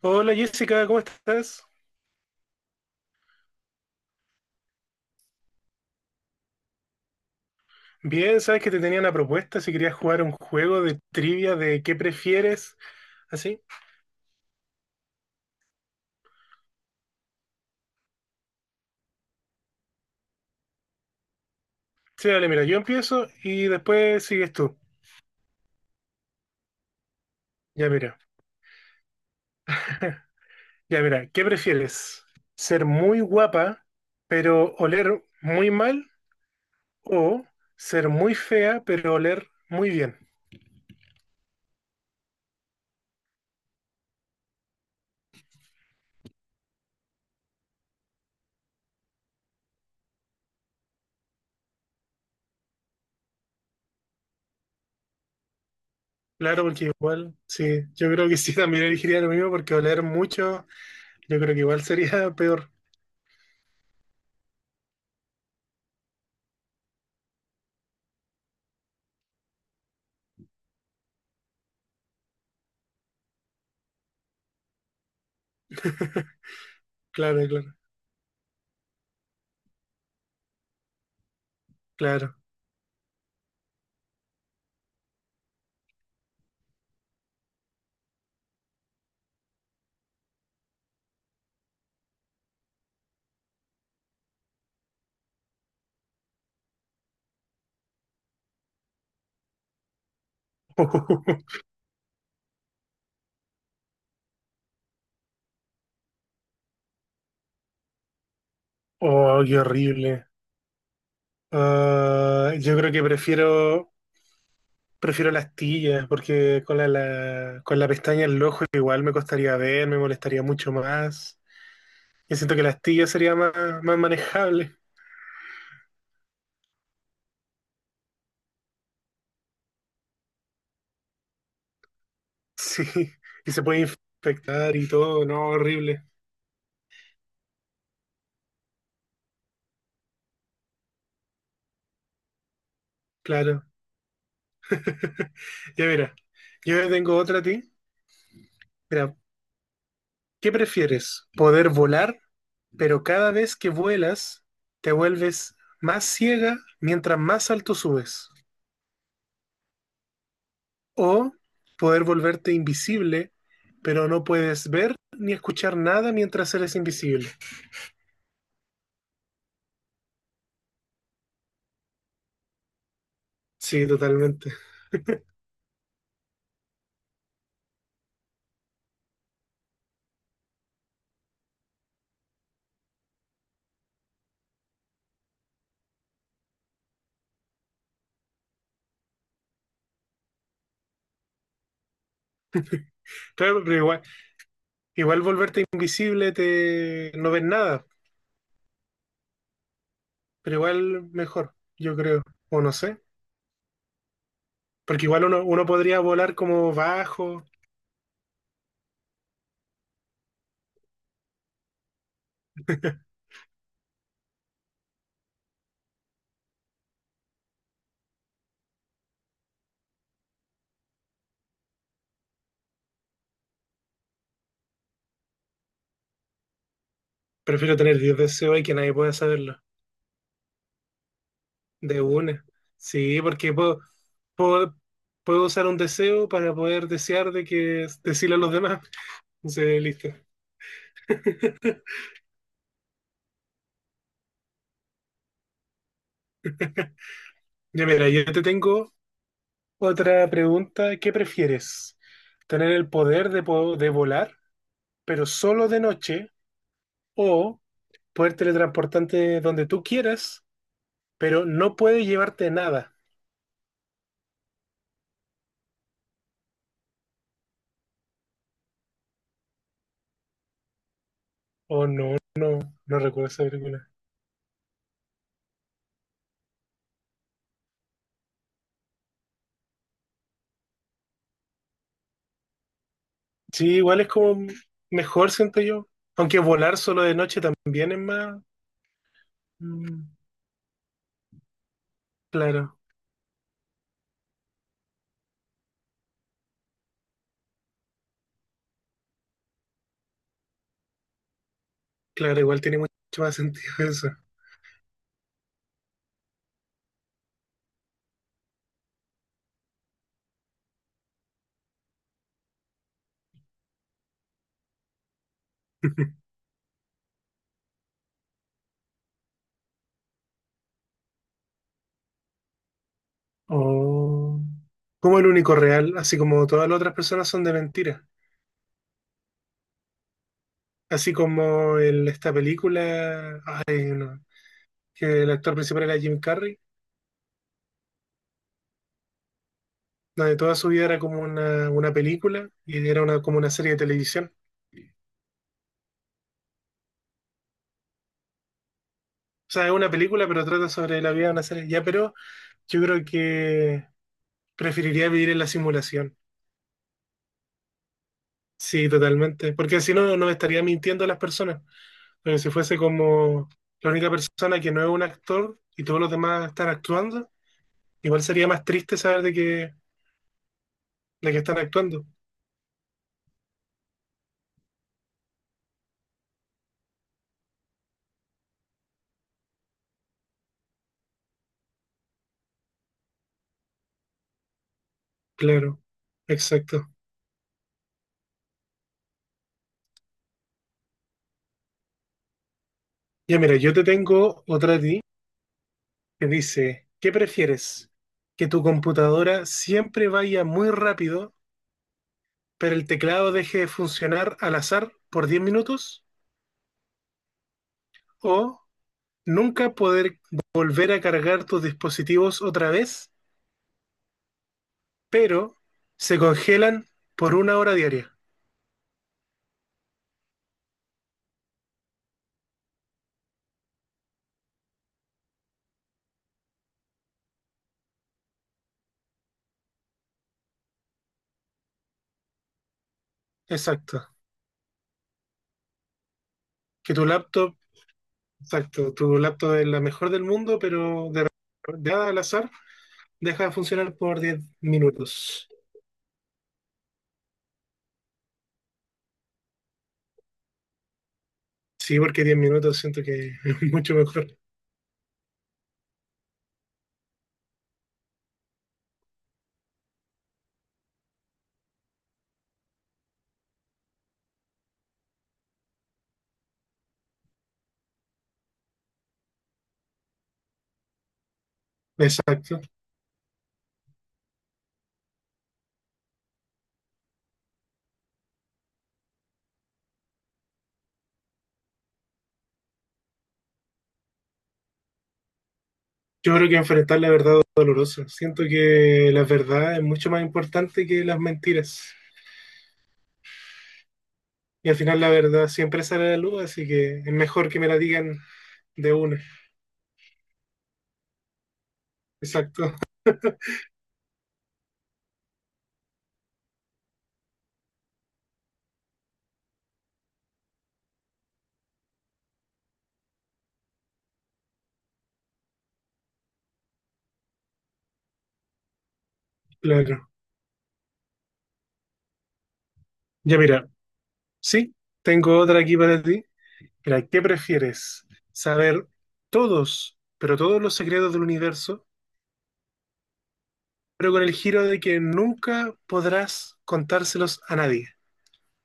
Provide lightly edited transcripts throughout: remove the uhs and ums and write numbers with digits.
Hola Jessica, ¿cómo estás? Bien, sabes que te tenía una propuesta si querías jugar un juego de trivia de qué prefieres, así. Sí, dale, mira, yo empiezo y después sigues tú. Ya mira, ya mira, ¿qué prefieres? ¿Ser muy guapa pero oler muy mal o ser muy fea pero oler muy bien? Claro, porque igual, sí, yo creo que sí, también elegiría lo mismo porque oler mucho, yo creo que igual sería peor. Claro, claro, claro. Oh, qué horrible. Ah, yo creo que prefiero las tillas, porque con con la pestaña en el ojo igual me costaría ver, me molestaría mucho más. Yo siento que las tillas sería más, más manejable. Sí, y se puede infectar y todo, no, horrible. Claro. Ya mira, yo tengo otra a ti. Mira, ¿qué prefieres? ¿Poder volar, pero cada vez que vuelas te vuelves más ciega mientras más alto subes? O poder volverte invisible, pero no puedes ver ni escuchar nada mientras eres invisible. Sí, totalmente. Claro, pero igual, igual volverte invisible te no ves nada, pero igual mejor, yo creo. O no sé. Porque igual uno podría volar como bajo. Prefiero tener 10 deseos y que nadie pueda saberlo. De una. Sí, porque puedo, puedo usar un deseo para poder desear de que decirle a los demás. Entonces, listo. Ya mira, yo te tengo otra pregunta. ¿Qué prefieres? ¿Tener el poder de, de volar, pero solo de noche? ¿O poder teletransportarte donde tú quieras, pero no puedes llevarte nada? O no, no recuerdo esa película. Sí, igual es como mejor, siento yo. Aunque volar solo de noche también es más... mm, claro, claro, igual tiene mucho más sentido eso. O como el único real, así como todas las otras personas son de mentira. Así como en esta película, ay, no, que el actor principal era Jim Carrey, donde toda su vida era como una película y era una, como una serie de televisión. O sea, es una película, pero trata sobre la vida de una serie. Ya, pero yo creo que preferiría vivir en la simulación. Sí, totalmente. Porque si no, no estaría mintiendo a las personas. Pero si fuese como la única persona que no es un actor y todos los demás están actuando, igual sería más triste saber de que están actuando. Claro, exacto. Ya mira, yo te tengo otra de ti que dice, ¿qué prefieres? ¿Que tu computadora siempre vaya muy rápido, pero el teclado deje de funcionar al azar por 10 minutos? ¿O nunca poder volver a cargar tus dispositivos otra vez, pero se congelan por 1 hora diaria? Exacto. Que tu laptop, exacto, tu laptop es la mejor del mundo, pero de nada al azar deja de funcionar por 10 minutos. Sí, porque 10 minutos siento que es mucho mejor. Exacto. Yo creo que enfrentar la verdad dolorosa. Siento que la verdad es mucho más importante que las mentiras. Y al final la verdad siempre sale a la luz, así que es mejor que me la digan de una. Exacto. Claro. Ya mira, sí, tengo otra aquí para ti. Mira, ¿qué prefieres? ¿Saber todos, pero todos los secretos del universo, pero con el giro de que nunca podrás contárselos a nadie?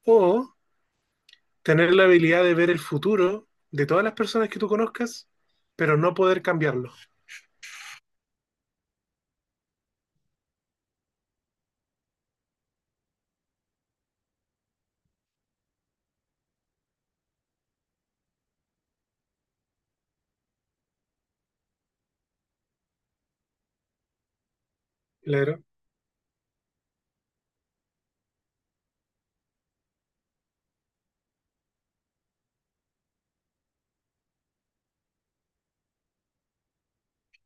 O tener la habilidad de ver el futuro de todas las personas que tú conozcas, pero no poder cambiarlo. Claro,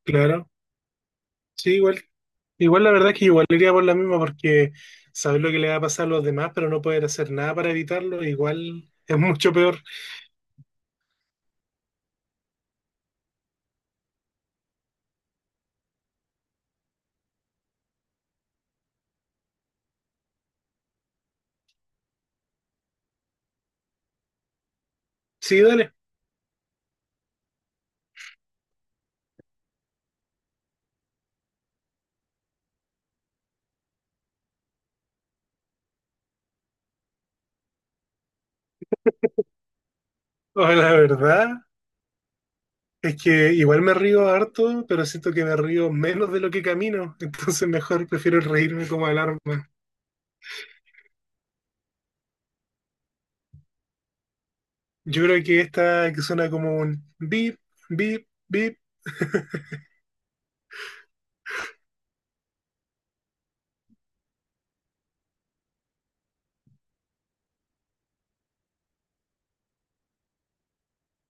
claro. Sí, igual. Igual la verdad es que igual iría por la misma porque saber lo que le va a pasar a los demás, pero no poder hacer nada para evitarlo, igual es mucho peor. Sí, dale. O la verdad es que igual me río harto, pero siento que me río menos de lo que camino, entonces mejor prefiero reírme como alarma. Yo creo que esta que suena como un bip, bip, bip,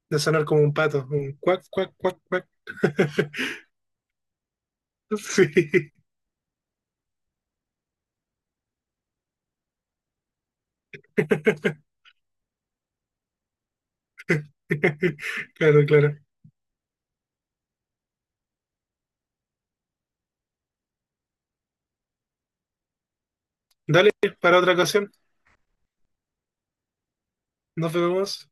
de sonar como un pato, un cuac, cuac, cuac, cuac. Sí. Claro, claro. Dale, para otra ocasión. Nos vemos.